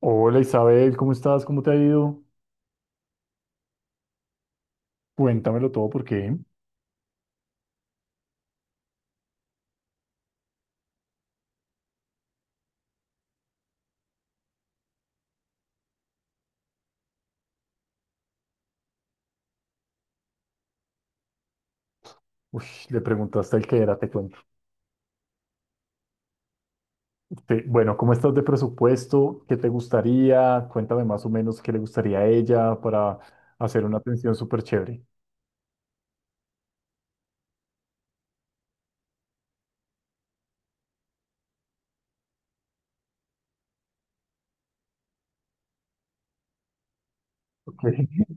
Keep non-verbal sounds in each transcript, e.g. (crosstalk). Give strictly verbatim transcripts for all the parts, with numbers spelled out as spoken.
Hola Isabel, ¿cómo estás? ¿Cómo te ha ido? Cuéntamelo todo porque ush, le preguntaste el que era, te cuento. Te- bueno, ¿cómo estás de presupuesto? ¿Qué te gustaría? Cuéntame más o menos qué le gustaría a ella para hacer una atención súper chévere. Ok, (laughs)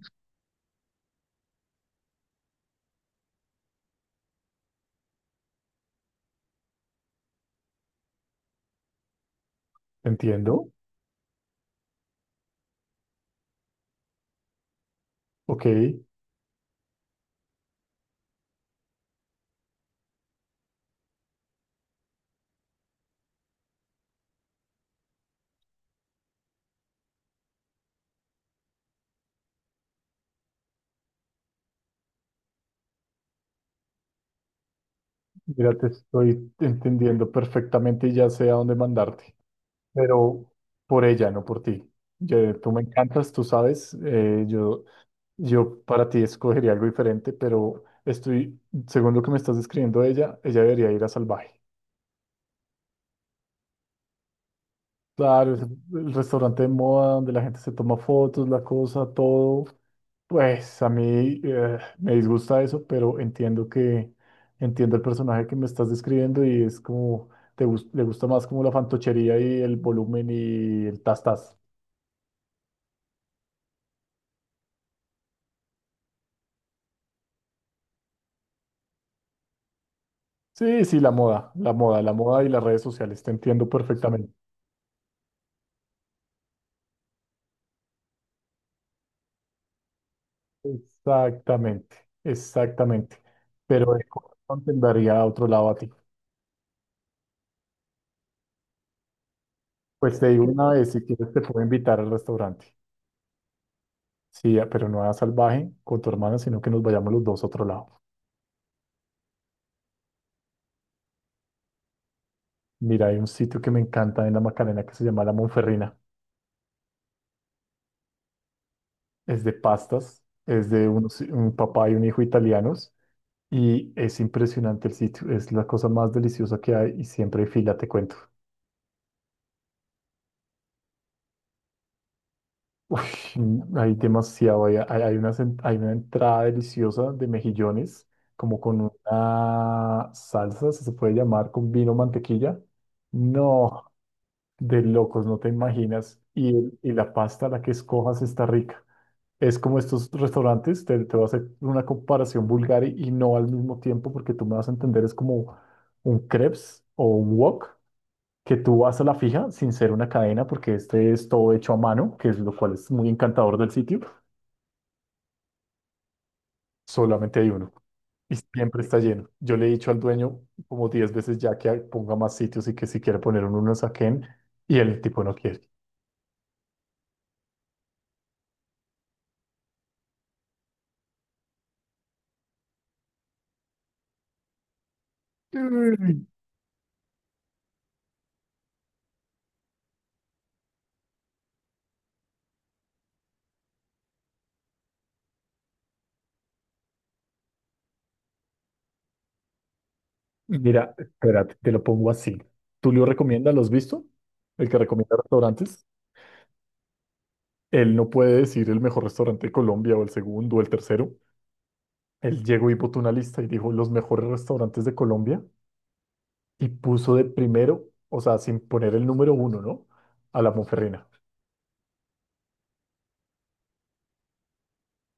entiendo. Ok, mira, te estoy entendiendo perfectamente y ya sé a dónde mandarte, pero por ella, no por ti. Yo- tú me encantas, tú sabes, eh, yo yo para ti escogería algo diferente, pero estoy, según lo que me estás describiendo de ella, ella debería ir a Salvaje. Claro, es el restaurante de moda donde la gente se toma fotos, la cosa, todo. Pues a mí eh, me disgusta eso, pero entiendo que entiendo el personaje que me estás describiendo y es como te gus- le gusta más como la fantochería y el volumen y el tas tas. Sí, sí, la moda, la moda, la moda y las redes sociales, te entiendo perfectamente. Exactamente, exactamente. Pero de corazón te daría a otro lado a ti. Pues te digo una vez, si quieres te puedo invitar al restaurante. Sí, ah, pero no a Salvaje con tu hermana, sino que nos vayamos los dos a otro lado. Mira, hay un sitio que me encanta en la Macarena que se llama La Monferrina. Es de pastas, es de unos- un papá y un hijo italianos y es impresionante el sitio. Es la cosa más deliciosa que hay y siempre hay fila, te cuento. Uy, hay demasiado, hay, hay- hay una, sen- hay una entrada deliciosa de mejillones, como con una salsa, si se puede llamar, con vino mantequilla. No, de locos, no te imaginas. Y, el- y la pasta, la que escojas, está rica. Es como estos restaurantes, te, te voy a hacer una comparación vulgar y, y no al mismo tiempo, porque tú me vas a entender, es como un crepes o un wok, que tú vas a la fija sin ser una cadena, porque este es todo hecho a mano, que es lo cual es muy encantador del sitio. Solamente hay uno y siempre está lleno. Yo le he dicho al dueño como diez veces ya que ponga más sitios y que si quiere poner uno, no saquen y el tipo no quiere. Mm. Mira, espérate, te lo pongo así. ¿Tú lo recomiendas? ¿Lo has visto? El que recomienda restaurantes. Él no puede decir el mejor restaurante de Colombia o el segundo o el tercero. Él llegó y botó una lista y dijo los mejores restaurantes de Colombia y puso de primero, o sea, sin poner el número uno, ¿no? A la Monferrina.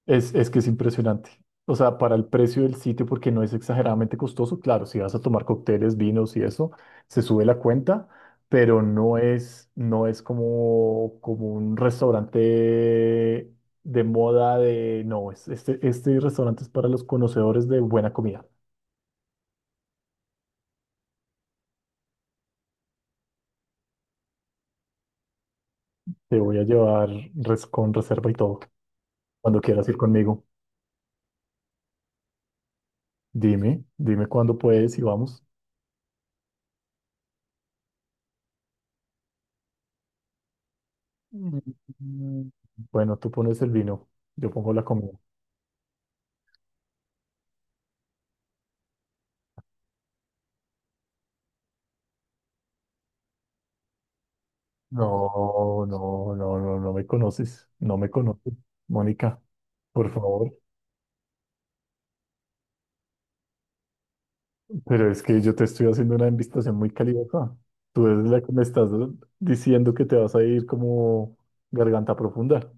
Es, es que es impresionante. O sea, para el precio del sitio, porque no es exageradamente costoso, claro, si vas a tomar cócteles, vinos y eso, se sube la cuenta, pero no es, no es como, como un restaurante de moda de, no, es, este, este restaurante es para los conocedores de buena comida. Te voy a llevar res- con reserva y todo, cuando quieras ir conmigo. Dime, dime cuándo puedes y vamos. Mm. Bueno, tú pones el vino, yo pongo la comida. No, no, no, no, no me conoces, no me conoces, Mónica, por favor. Pero es que yo te estoy haciendo una invitación muy calidosa. Tú eres la que me estás diciendo que te vas a ir como garganta profunda.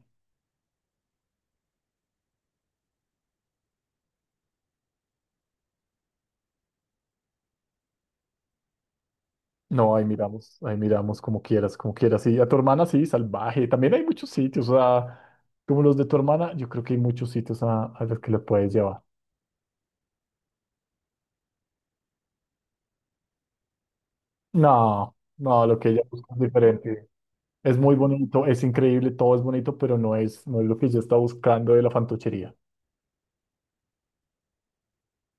No, ahí miramos, ahí miramos como quieras, como quieras. Y a tu hermana sí, salvaje. También hay muchos sitios, o sea, como los de tu hermana, yo creo que hay muchos sitios a, a los que le puedes llevar. No, no, lo que ella busca es diferente. Es muy bonito, es increíble, todo es bonito, pero no es, no es lo que yo estaba buscando de la fantochería.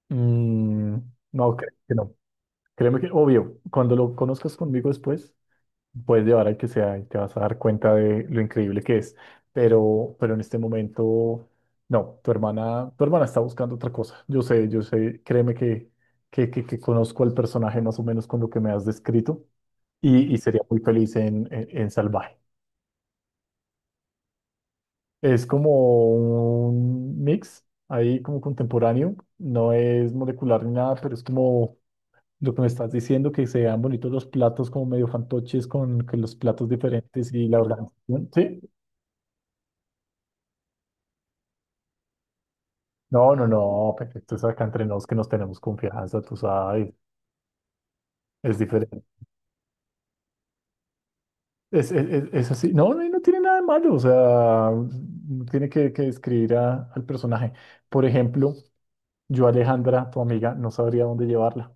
Mm, no, creo que no. Créeme que, obvio, cuando lo conozcas conmigo después, puedes llevar al que sea y te vas a dar cuenta de lo increíble que es. Pero, pero en este momento, no, tu hermana, tu hermana está buscando otra cosa. Yo sé, yo sé, créeme que, que, que, que conozco al personaje más o menos con lo que me has descrito y, y sería muy feliz en, en en Salvaje. Es como un mix ahí como contemporáneo, no es molecular ni nada, pero es como lo que me estás diciendo, que se vean bonitos los platos como medio fantoches con, con los platos diferentes y la organización. Sí, no, no, no, perfecto, es acá entre nos que nos tenemos confianza, tú sabes, es diferente. Es, es, es- es así, no, no, no tiene nada de malo, o sea, no tiene que, que describir a- al personaje. Por ejemplo, yo a Alejandra, tu amiga, no sabría dónde llevarla.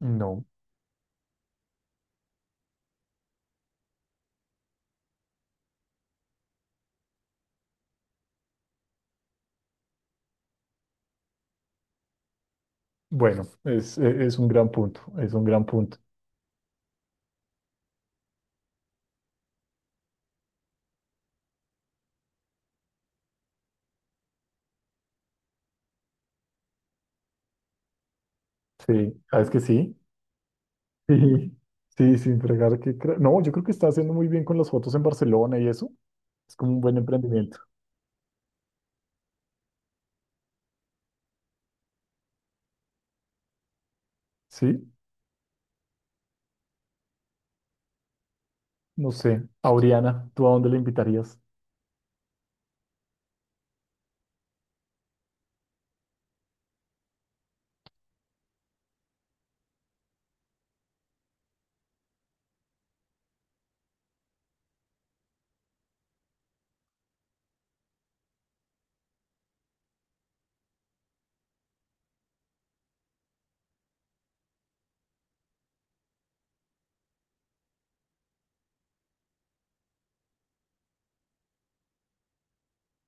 No, bueno, es, e- es un gran punto, es un gran punto. Sí, ¿sabes que sí? (laughs) Sí, sí, sin fregar que... cre- No, yo creo que está haciendo muy bien con las fotos en Barcelona y eso. Es como un buen emprendimiento. Sí, no sé. Auriana, ¿tú a dónde le invitarías?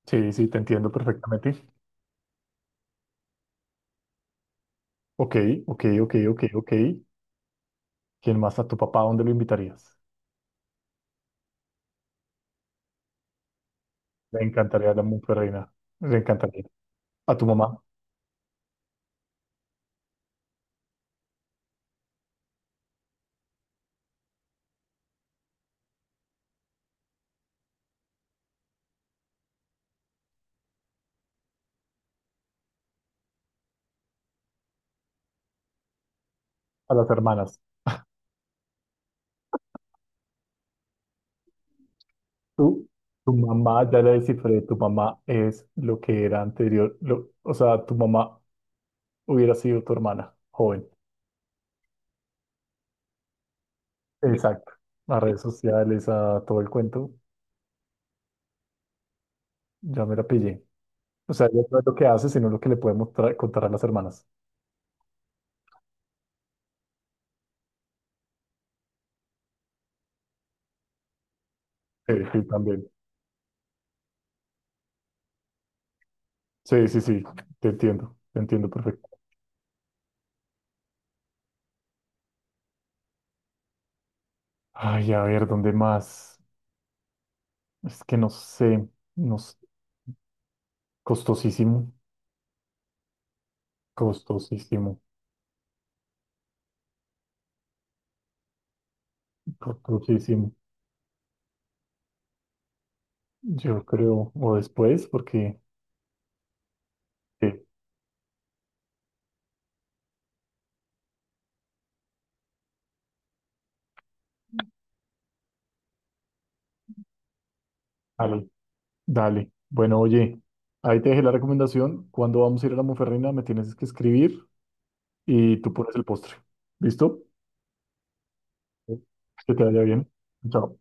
Sí, sí, te entiendo perfectamente. Ok, ok, ok, ok, ok. ¿Quién más? ¿A tu papá a dónde lo invitarías? Le encantaría la mujer reina. Le encantaría. A tu mamá, a las hermanas. Tu, tu mamá, ya la descifré, tu mamá es lo que era anterior, lo- o sea, tu mamá hubiera sido tu hermana, joven. Exacto. A redes sociales, a todo el cuento, ya me la pillé. O sea, ella no es lo que hace, sino lo que le podemos tra- contar a las hermanas. Sí, sí, también. Sí, sí, sí, te entiendo, te entiendo perfecto. Ay, a ver, ¿dónde más? Es que no sé, no sé. Costosísimo, costosísimo, costosísimo. Yo creo, o después, porque... sí, dale. Bueno, oye, ahí te dejé la recomendación. Cuando vamos a ir a la Monferrina, me tienes que escribir y tú pones el postre. ¿Listo? Sí. Que te vaya bien. Chao.